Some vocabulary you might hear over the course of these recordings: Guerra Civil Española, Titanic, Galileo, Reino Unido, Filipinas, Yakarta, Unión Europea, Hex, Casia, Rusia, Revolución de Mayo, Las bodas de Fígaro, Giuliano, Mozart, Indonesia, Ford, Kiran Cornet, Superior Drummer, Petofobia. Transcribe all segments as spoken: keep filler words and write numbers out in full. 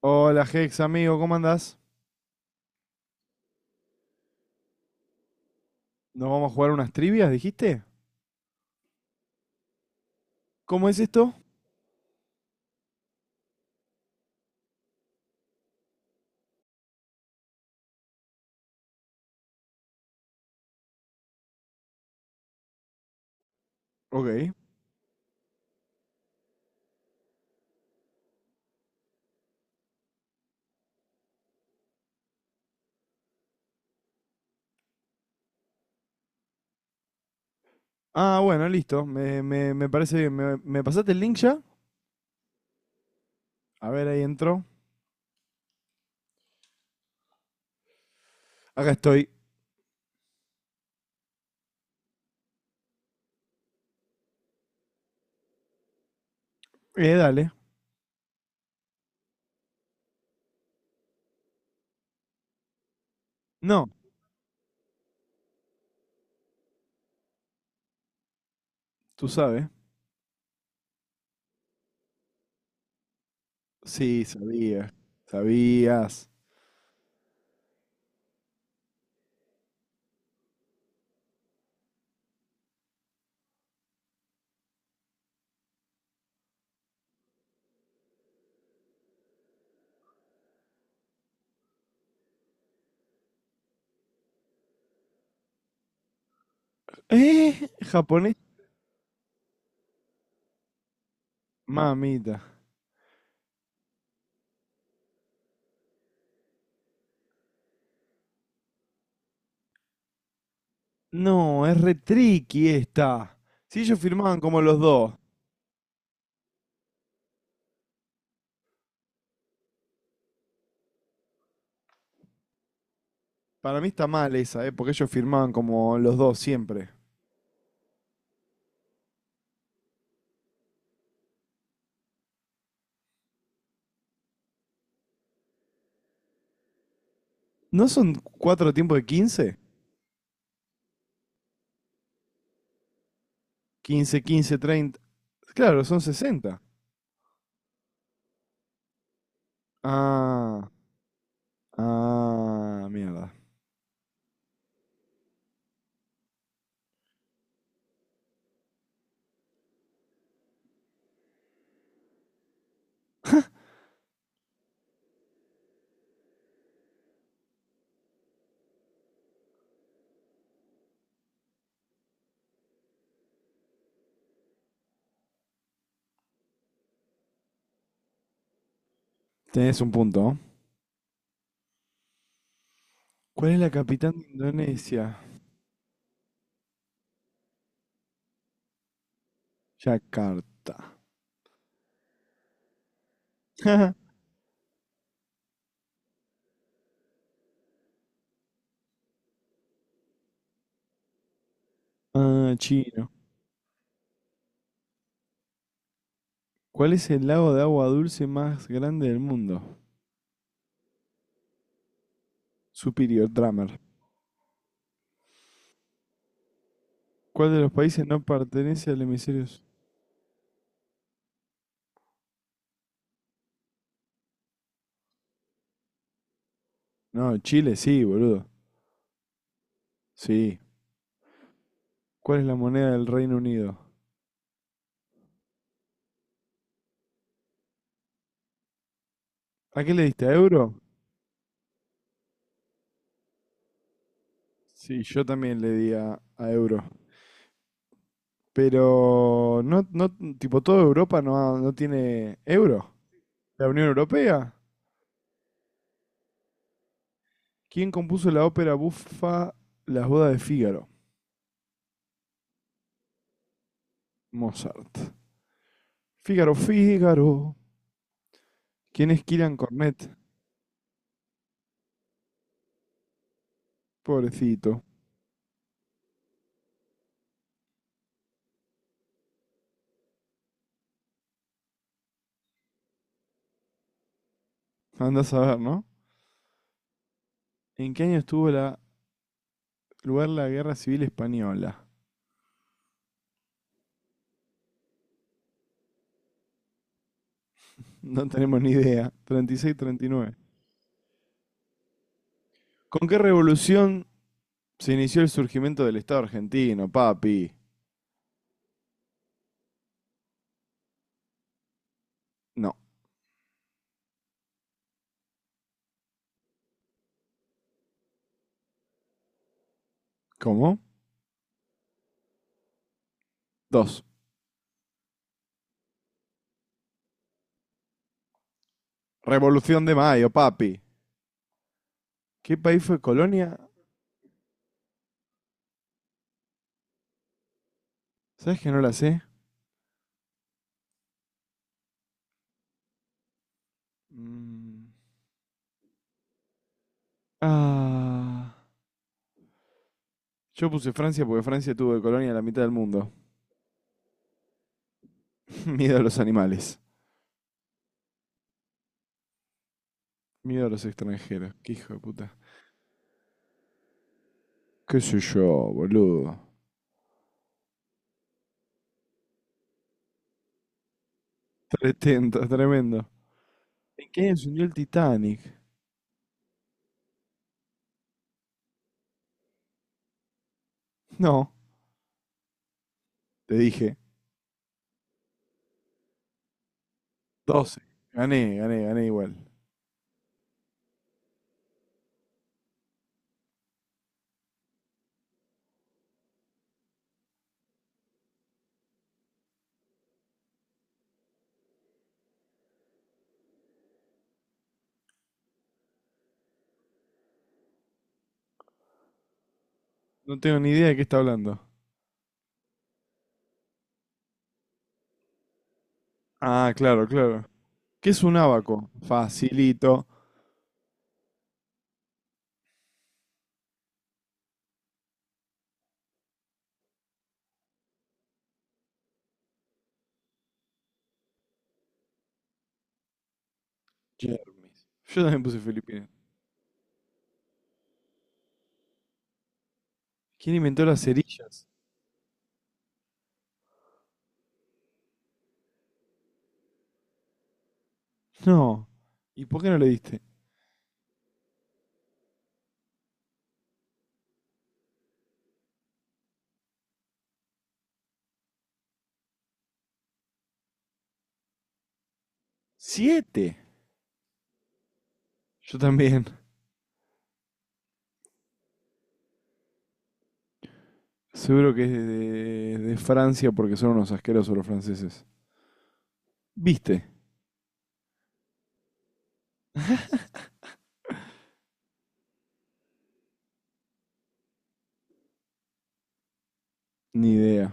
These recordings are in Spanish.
Hola Hex, amigo, ¿cómo andás? ¿Nos vamos a jugar unas trivias, dijiste? ¿Cómo es esto? Ok. Ah, bueno, listo. Me, me- me parece bien. ¿Me, me pasaste el link ya? A ver, ahí entró. Acá estoy. Eh, dale. No, tú sabes. Sí, sabía. Sabías. ¿Eh? ¿Japonés? Mamita. No, es re tricky esta. Si ellos firmaban como los dos. Para mí está mal esa, ¿eh? Porque ellos firmaban como los dos siempre. ¿No son cuatro tiempos de quince? Quince, quince treinta, claro, son sesenta. Ah, ah, mierda. Tenés un punto. ¿Cuál es la capital de Indonesia? Yakarta. Ah, chino. ¿Cuál es el lago de agua dulce más grande del mundo? Superior Drummer. ¿Cuál de los países no pertenece al hemisferio sur? No, Chile sí, boludo. Sí. ¿Cuál es la moneda del Reino Unido? ¿A qué le diste? ¿A euro? Sí, yo también le di a, a euro. Pero no, no, tipo, toda Europa no, no tiene euro. La Unión Europea. ¿Quién compuso la ópera bufa Las bodas de Fígaro? Mozart. Fígaro, Fígaro. ¿Quién es Kiran Cornet? Pobrecito. Andás a ver, ¿no? ¿En qué año estuvo la, lugar la Guerra Civil Española? No tenemos ni idea. Treinta, treinta y seis, treinta y nueve. ¿Con qué revolución se inició el surgimiento del Estado argentino, papi? No. ¿Cómo? Dos. Revolución de Mayo, papi. ¿Qué país fue Colonia? ¿Sabes que no la sé? Mm. Ah, yo puse Francia porque Francia tuvo de colonia la mitad del mundo. Miedo a los animales. Miedo a los extranjeros. Qué hijo de puta. ¿Qué sé yo, boludo? Tretenta, tremendo. ¿En qué año se hundió el Titanic? No, te dije. Doce. Gané, gané, gané igual. No tengo ni idea de qué está hablando. Ah, claro, claro. ¿Qué es un abaco? Facilito. Jermis. Yo también puse Filipinas. ¿Quién inventó las cerillas? No. ¿Y por qué no le diste? ¡Siete! Yo también. Seguro que es de, de- de Francia porque son unos asquerosos los franceses. ¿Viste? Ni idea.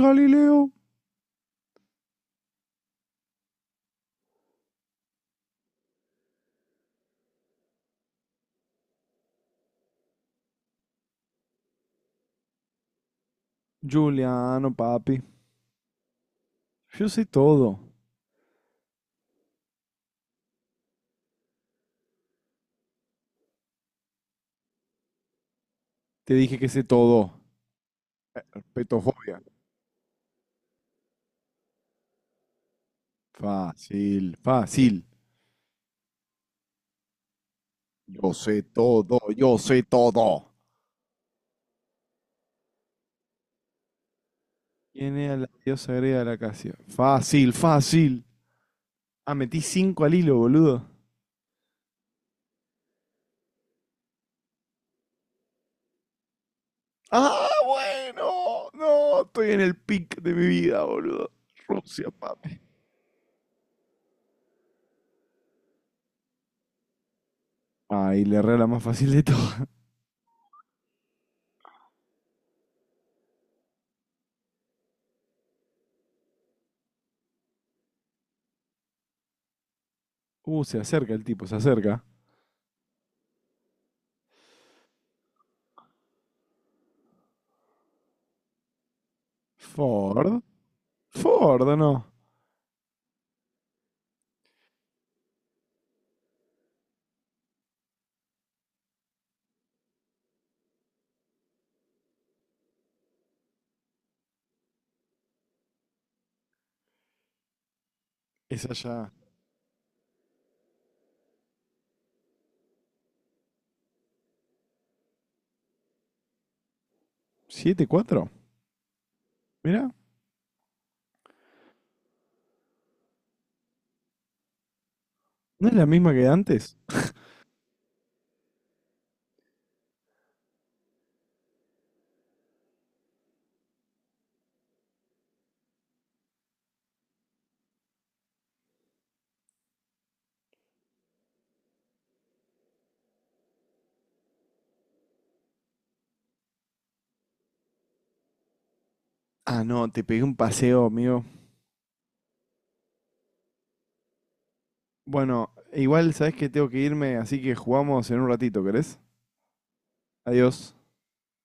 Galileo. Giuliano, papi. Yo sé todo. Te dije que sé todo. Petofobia. Fácil, fácil. Yo sé todo, yo sé todo. ¿Quién era la diosa griega de la Casia? Fácil, fácil. Ah, metí cinco al hilo, boludo. Ah, bueno. No, estoy en el pic de mi vida, boludo. Rusia, papi. Ah, y le erré la más fácil de todas. Uh, se acerca el tipo, se acerca. Ford. Ford, no. Es allá. Siete cuatro. Mira, ¿no es la misma que antes? Ah, no, te pegué un paseo, amigo. Bueno, igual sabes que tengo que irme, así que jugamos en un ratito, ¿querés? Adiós.